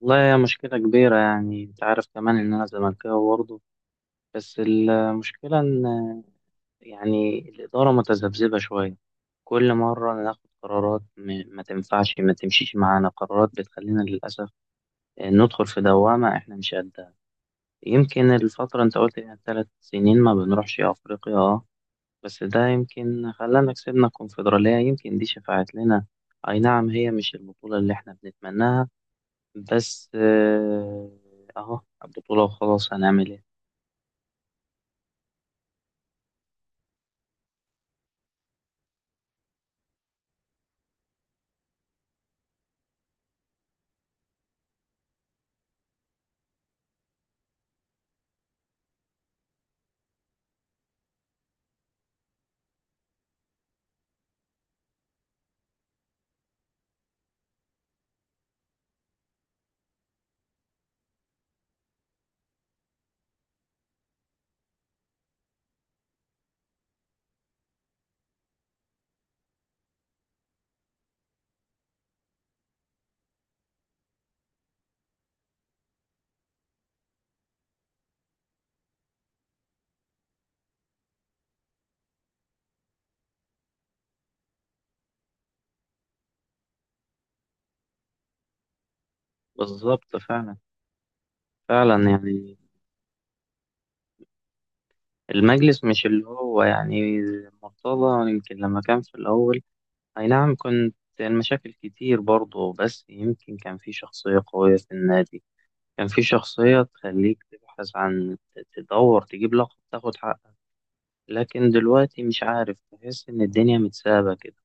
والله هي مشكلة كبيرة يعني أنت عارف كمان إن أنا زملكاوي برضه. بس المشكلة إن يعني الإدارة متذبذبة شوية. كل مرة ناخد قرارات ما تنفعش، ما تمشيش معانا، قرارات بتخلينا للأسف ندخل في دوامة إحنا مش قدها. يمكن الفترة أنت قلت إنها 3 سنين ما بنروحش أفريقيا، أه. بس ده يمكن خلانا كسبنا الكونفدرالية، يمكن دي شفعت لنا. أي نعم، هي مش البطولة اللي إحنا بنتمناها، بس اهو، بطولة وخلاص، هنعمل ايه؟ بالظبط فعلا. فعلا يعني المجلس مش اللي هو يعني، مرتضى يمكن لما كان في الأول، أي نعم كنت المشاكل كتير برضه، بس يمكن كان في شخصية قوية في النادي، كان في شخصية تخليك تبحث عن، تدور، تجيب لقب، تاخد حقك. لكن دلوقتي مش عارف، تحس إن الدنيا متسابة كده.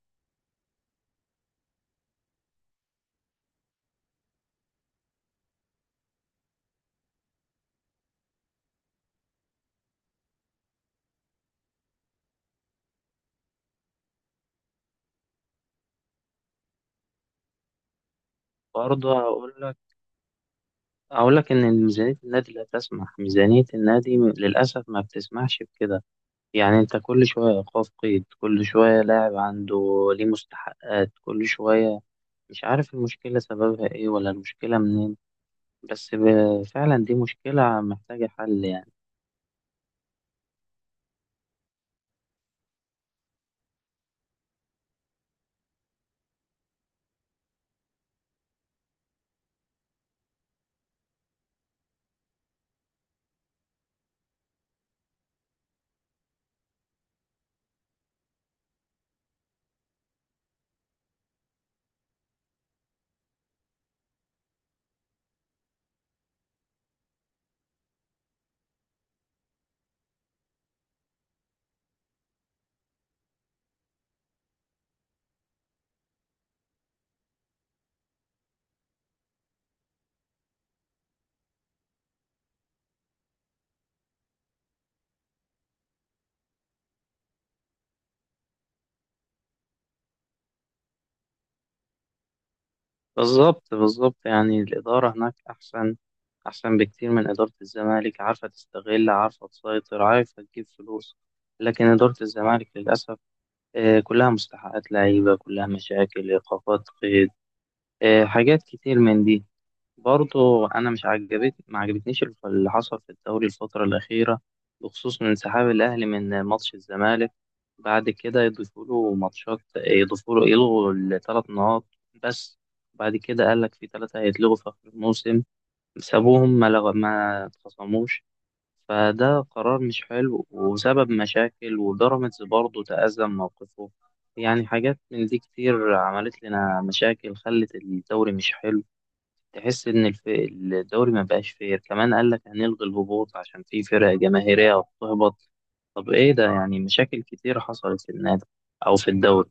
برضه هقول لك، أقول لك إن ميزانية النادي لا تسمح، ميزانية النادي للأسف ما بتسمحش بكده. يعني أنت كل شوية إيقاف قيد، كل شوية لاعب عنده ليه مستحقات، كل شوية مش عارف المشكلة سببها إيه ولا المشكلة منين. بس فعلا دي مشكلة محتاجة حل يعني. بالظبط بالظبط، يعني الإدارة هناك أحسن، أحسن بكتير من إدارة الزمالك، عارفة تستغل، عارفة تسيطر، عارفة تجيب فلوس. لكن إدارة الزمالك للأسف كلها مستحقات لعيبة، كلها مشاكل إيقافات قيد، حاجات كتير من دي. برضو أنا مش عجبت، ما عجبتنيش اللي حصل في الدوري الفترة الأخيرة، بخصوص من انسحاب الأهلي من ماتش الزمالك. بعد كده يضيفوا له ماتشات، يضيفوا له، يلغوا الـ 3 نقاط، بس بعد كده قال لك في 3 هيتلغوا في آخر الموسم، سابوهم ما اتخصموش. فده قرار مش حلو وسبب مشاكل، وبيراميدز برضه تأذى من موقفه. يعني حاجات من دي كتير عملت لنا مشاكل، خلت الدوري مش حلو. تحس إن الدوري ما بقاش فير، كمان قال لك هنلغي الهبوط عشان في فرق جماهيرية بتهبط. طب إيه ده يعني؟ مشاكل كتير حصلت في النادي أو في الدوري.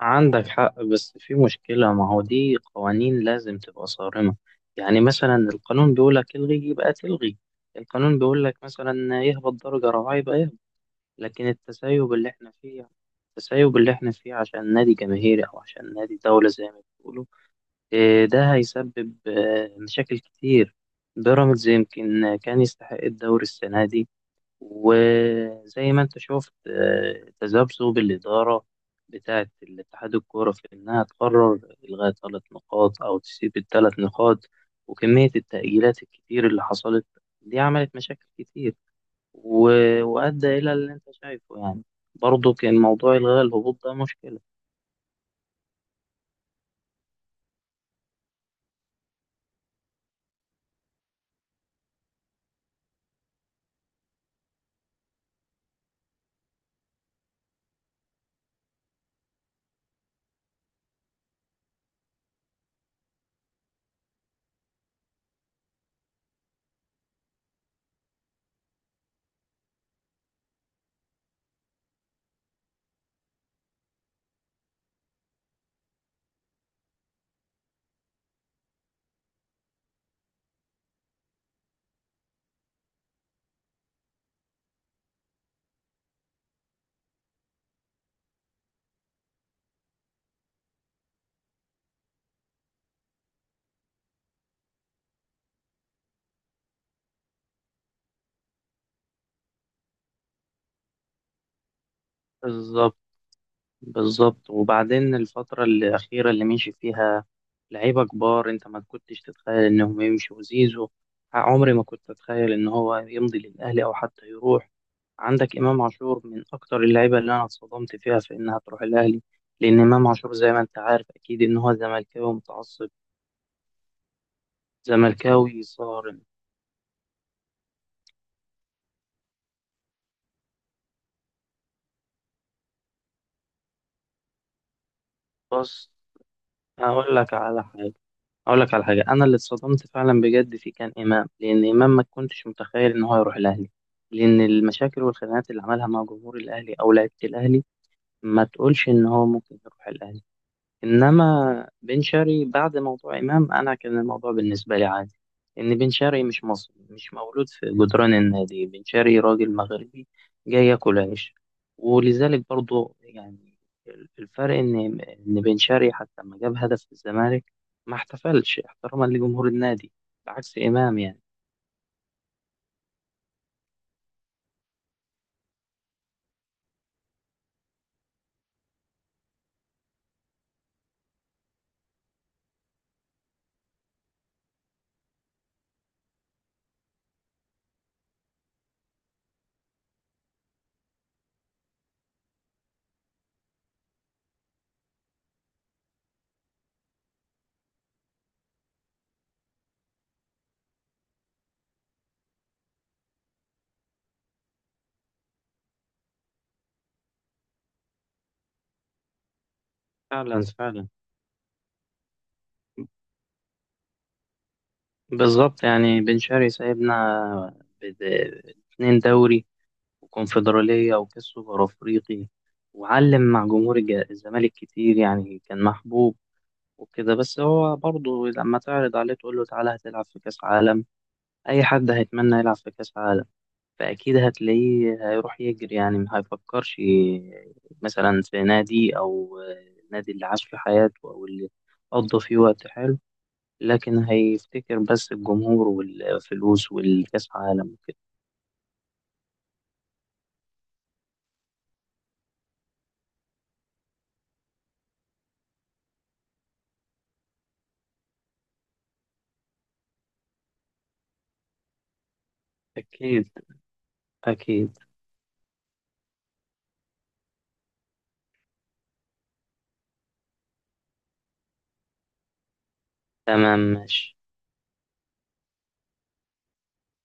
عندك حق، بس في مشكلة، ما هو دي قوانين لازم تبقى صارمة. يعني مثلا القانون بيقولك الغي، يبقى تلغي. القانون بيقولك مثلا يهبط درجة رباعية، يبقى يهبط. لكن التسيب اللي احنا فيه، التسيب اللي احنا فيه عشان نادي جماهيري أو عشان نادي دولة زي ما بيقولوا، إيه، ده هيسبب مشاكل كتير. بيراميدز يمكن كان يستحق الدوري السنة دي. وزي ما انت شفت تذبذب الإدارة بتاعة الاتحاد الكورة في إنها تقرر إلغاء 3 نقاط أو تسيب الـ 3 نقاط، وكمية التأجيلات الكتير اللي حصلت، دي عملت مشاكل كتير، وأدى إلى اللي أنت شايفه يعني. برضه كان موضوع إلغاء الهبوط ده مشكلة. بالظبط بالظبط، وبعدين الفترة الأخيرة اللي مشي فيها لعيبة كبار، أنت ما كنتش تتخيل إنهم يمشوا. زيزو، عمري ما كنت أتخيل إن هو يمضي للأهلي أو حتى يروح. عندك إمام عاشور، من أكتر اللعيبة اللي أنا اتصدمت فيها في إنها تروح الأهلي، لأن إمام عاشور زي ما أنت عارف أكيد إن هو زملكاوي متعصب، زملكاوي صارم. بس هقول لك على حاجة، هقول لك على حاجة، أنا اللي اتصدمت فعلا بجد فيه كان إمام، لأن إمام ما كنتش متخيل إن هو يروح الأهلي، لأن المشاكل والخناقات اللي عملها مع جمهور الأهلي أو لعيبة الأهلي، ما تقولش إن هو ممكن يروح الأهلي. انما بن شرقي، بعد موضوع امام، انا كان الموضوع بالنسبه لي عادي، ان بن شرقي مش مصري، مش مولود في جدران النادي، بن شرقي راجل مغربي جاي ياكل عيش. ولذلك برضو يعني، الفرق ان بن شرقي حتى لما جاب هدف في الزمالك ما احتفلش احتراما لجمهور النادي، بعكس امام يعني. فعلا فعلا. بالظبط، يعني بن شرقي سايبنا 2 دوري وكونفدرالية وكأس سوبر أفريقي، وعلم مع جمهور الزمالك كتير، يعني كان محبوب وكده. بس هو برضه لما تعرض عليه تقول له تعالى هتلعب في كأس عالم، أي حد هيتمنى يلعب في كأس عالم، فأكيد هتلاقيه هيروح يجري يعني، ما هيفكرش مثلا في نادي أو نادي اللي عاش في حياته أو اللي قضى فيه وقت حلو. لكن هيفتكر بس الجمهور والفلوس والكأس عالم وكده. أكيد أكيد. تمام ماشي.